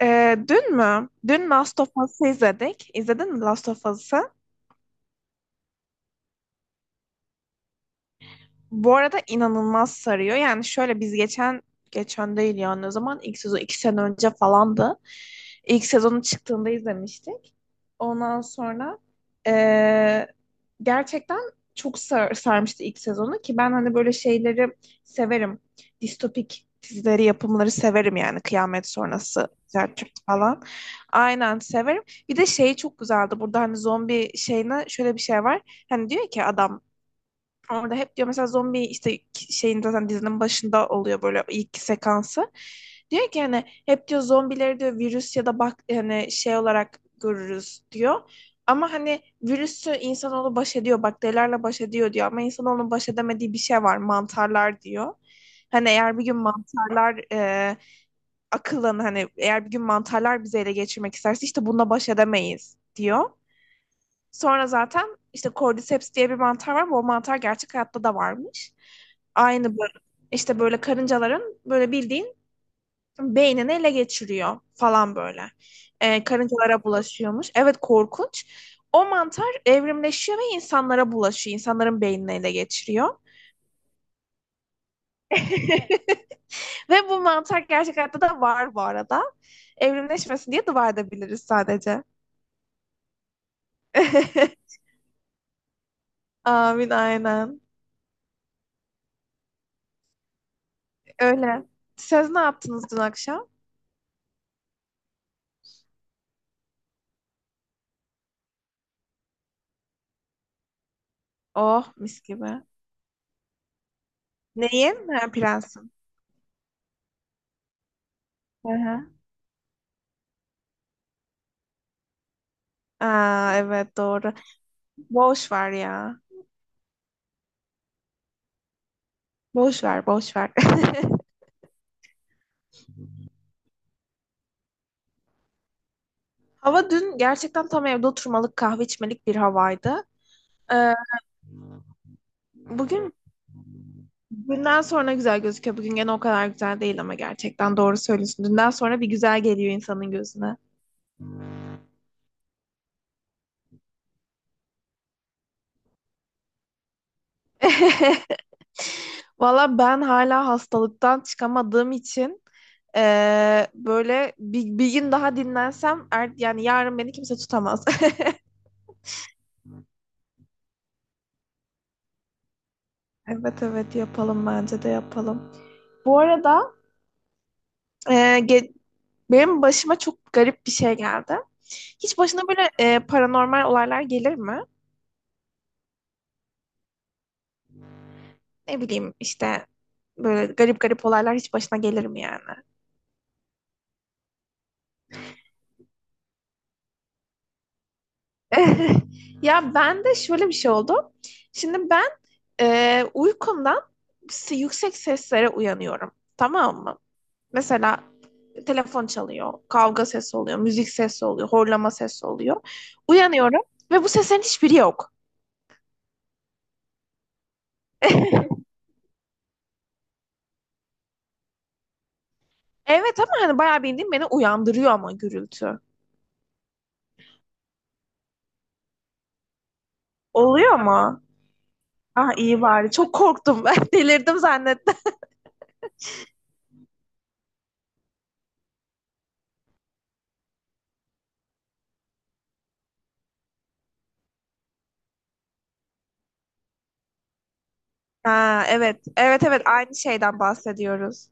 Dün mü? Dün Last of Us'ı izledik. İzledin mi Last of Us'ı? Bu arada inanılmaz sarıyor. Yani şöyle biz geçen değil yani o zaman ilk sezon iki sene önce falandı. İlk sezonun çıktığında izlemiştik. Ondan sonra eee, gerçekten çok sarmıştı ilk sezonu ki ben hani böyle şeyleri severim. Distopik dizileri, yapımları severim yani kıyamet sonrası Zertürk falan. Aynen severim. Bir de şey çok güzeldi. Burada hani zombi şeyine şöyle bir şey var. Hani diyor ki adam, orada hep diyor mesela zombi işte şeyin zaten dizinin başında oluyor böyle ilk sekansı. Diyor ki hani hep diyor zombileri diyor virüs ya da bak hani şey olarak görürüz diyor. Ama hani virüsü insanoğlu baş ediyor, bakterilerle baş ediyor diyor. Ama insanoğlunun baş edemediği bir şey var, mantarlar diyor. Hani eğer bir gün mantarlar e, akıllan hani eğer bir gün mantarlar bizi ele geçirmek isterse işte bununla baş edemeyiz diyor. Sonra zaten işte Cordyceps diye bir mantar var. Bu mantar gerçek hayatta da varmış. Aynı böyle işte böyle karıncaların böyle bildiğin beynini ele geçiriyor falan böyle. Karıncalara bulaşıyormuş. Evet korkunç. O mantar evrimleşiyor ve insanlara bulaşıyor. İnsanların beynini ele geçiriyor. Ve bu mantar gerçek hayatta da var bu arada. Evrimleşmesin diye dua edebiliriz sadece. Amin aynen. Öyle. Siz ne yaptınız dün akşam? Oh mis gibi. Neyin? Ha, prensim. Hı hı. Aa, evet doğru. Boş ver ya. Boş ver, boş ver. Hava dün gerçekten tam evde oturmalık, kahve içmelik bir havaydı. Ee, Bugün dünden sonra güzel gözüküyor. Bugün gene o kadar güzel değil ama gerçekten doğru söylüyorsun. Dünden sonra bir güzel geliyor insanın gözüne. Valla ben hala hastalıktan çıkamadığım için böyle bir gün daha dinlensem yani yarın beni kimse tutamaz. Evet, evet yapalım, bence de yapalım. Bu arada eee, ge- benim başıma çok garip bir şey geldi. Hiç başına böyle paranormal olaylar gelir mi? Ne bileyim işte böyle garip garip olaylar hiç başına gelir mi yani? Ya ben de şöyle bir şey oldu. Şimdi ben uykumdan yüksek seslere uyanıyorum. Tamam mı? Mesela telefon çalıyor, kavga sesi oluyor, müzik sesi oluyor, horlama sesi oluyor. Uyanıyorum ve bu seslerin hiçbiri yok. Evet, ama hani bayağı bildiğin beni uyandırıyor ama gürültü. Oluyor mu? Ah iyi bari. Çok korktum ben. Delirdim zannettim. Ha, evet. Evet, evet, aynı şeyden bahsediyoruz.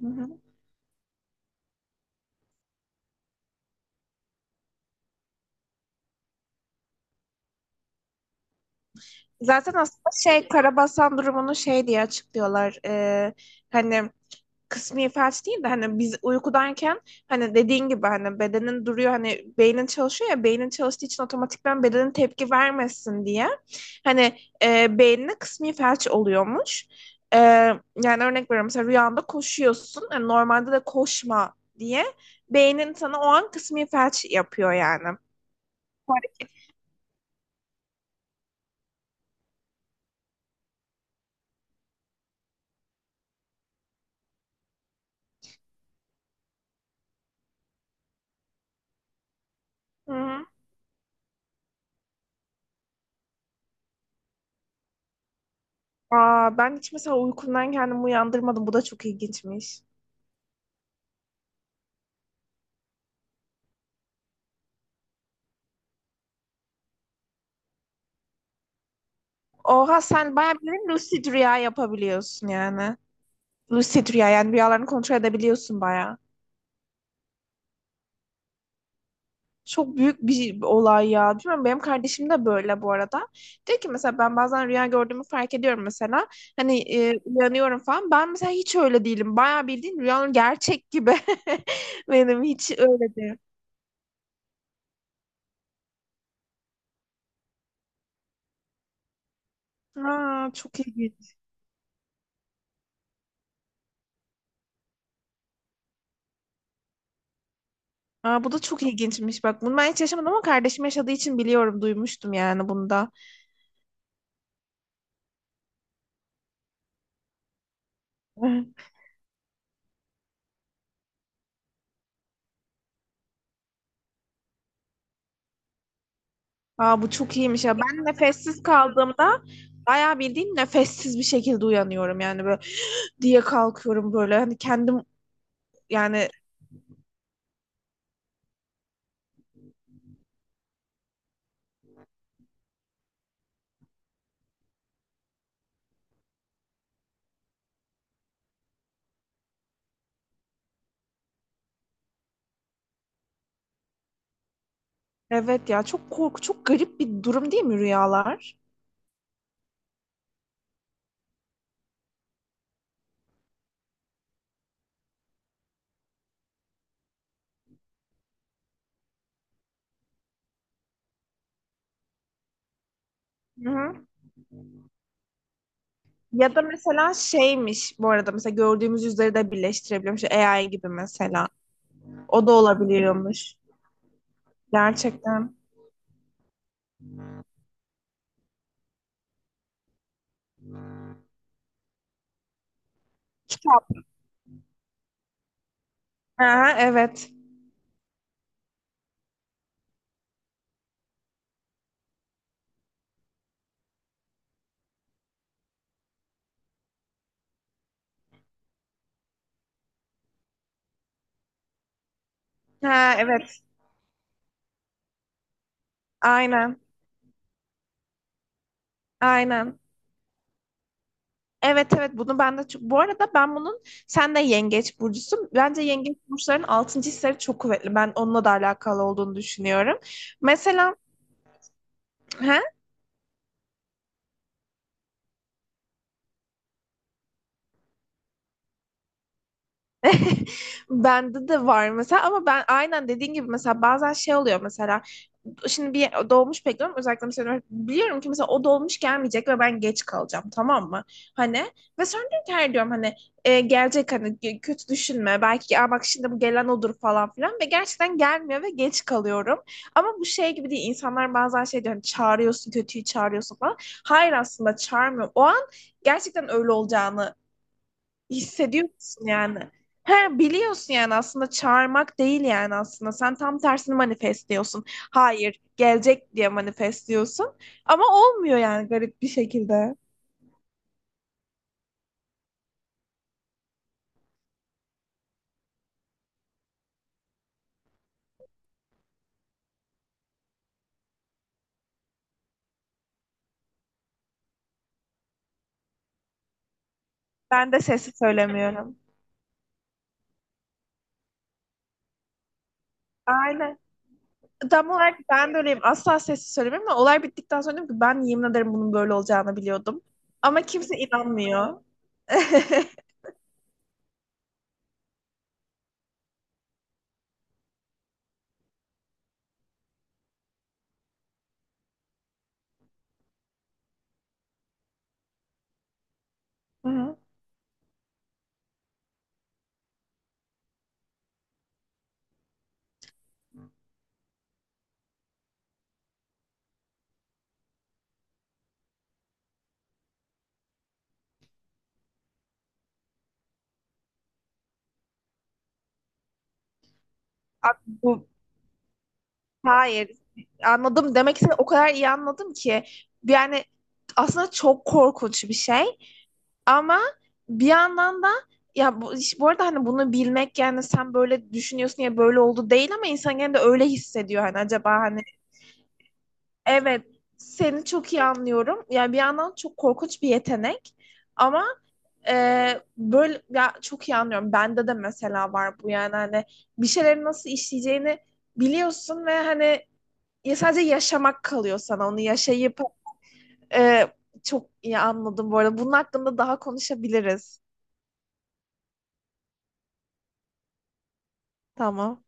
Hı hı. Zaten aslında şey karabasan durumunu şey diye açıklıyorlar. Hani kısmi felç değil de hani biz uykudayken hani dediğin gibi hani bedenin duruyor hani beynin çalışıyor ya, beynin çalıştığı için otomatikman bedenin tepki vermesin diye hani beynine kısmi felç oluyormuş. E, Yani örnek veriyorum, mesela rüyanda koşuyorsun hani normalde de koşma diye beynin sana o an kısmi felç yapıyor yani. Hı hı. Aa, ben hiç mesela uykumdan kendimi uyandırmadım. Bu da çok ilginçmiş. Oha, sen bayağı bir lucid rüya yapabiliyorsun yani. Lucid rüya yani rüyalarını kontrol edebiliyorsun bayağı. Çok büyük bir olay ya. Bilmiyorum, benim kardeşim de böyle bu arada. Diyor ki mesela ben bazen rüya gördüğümü fark ediyorum mesela. Hani uyanıyorum falan. Ben mesela hiç öyle değilim. Bayağı bildiğin rüyanın gerçek gibi. Benim hiç öyle değil. Aa, çok ilginç. Aa, bu da çok ilginçmiş. Bak, bunu ben hiç yaşamadım ama kardeşim yaşadığı için biliyorum. Duymuştum yani bunda. Aa, bu çok iyiymiş ya. Ben nefessiz kaldığımda bayağı bildiğin nefessiz bir şekilde uyanıyorum. Yani böyle diye kalkıyorum böyle. Hani kendim yani evet ya, çok korku, çok garip bir durum değil mi rüyalar? Hı hı. Ya da mesela şeymiş bu arada, mesela gördüğümüz yüzleri de birleştirebiliyormuş. AI gibi mesela. O da olabiliyormuş. Gerçekten. Kitap. Ha, evet. Ha, evet. Aynen. Aynen. Evet, evet, bunu ben de çok... Bu arada ben bunun sen de yengeç burcusun. Bence yengeç burçlarının altıncı hisleri çok kuvvetli. Ben onunla da alakalı olduğunu düşünüyorum. Mesela he, bende de var mesela ama ben aynen dediğin gibi mesela bazen şey oluyor mesela şimdi bir dolmuş bekliyorum özellikle, mesela biliyorum ki mesela o dolmuş gelmeyecek ve ben geç kalacağım, tamam mı? Hani ve sonra diyorum ki her diyorum hani gelecek hani kötü düşünme belki. "Aa, bak şimdi bu gelen odur" falan filan ve gerçekten gelmiyor ve geç kalıyorum. Ama bu şey gibi değil, insanlar bazen şey diyor hani çağırıyorsun, kötüyü çağırıyorsun falan. Hayır, aslında çağırmıyorum. O an gerçekten öyle olacağını hissediyorsun yani. He, biliyorsun yani aslında çağırmak değil yani aslında. Sen tam tersini manifestliyorsun. Hayır, gelecek diye manifestliyorsun. Ama olmuyor yani garip bir şekilde. Ben de sesi söylemiyorum. Aynen. Tam olarak ben de öyleyim. Asla sessiz söylemem ama olay bittikten sonra dedim ki ben yemin ederim bunun böyle olacağını biliyordum. Ama kimse inanmıyor. Hı hı. Bu, hayır. Anladım. Demek ki o kadar iyi anladım ki. Yani aslında çok korkunç bir şey. Ama bir yandan da ya bu, bu arada hani bunu bilmek yani sen böyle düşünüyorsun ya böyle oldu değil ama insan gene de öyle hissediyor. Hani acaba hani evet, seni çok iyi anlıyorum. Yani bir yandan çok korkunç bir yetenek ama böyle ya, çok iyi anlıyorum. Bende de mesela var bu yani hani bir şeyleri nasıl işleyeceğini biliyorsun ve hani ya sadece yaşamak kalıyor sana onu yaşayıp e, çok iyi anladım bu arada. Bunun hakkında daha konuşabiliriz. Tamam.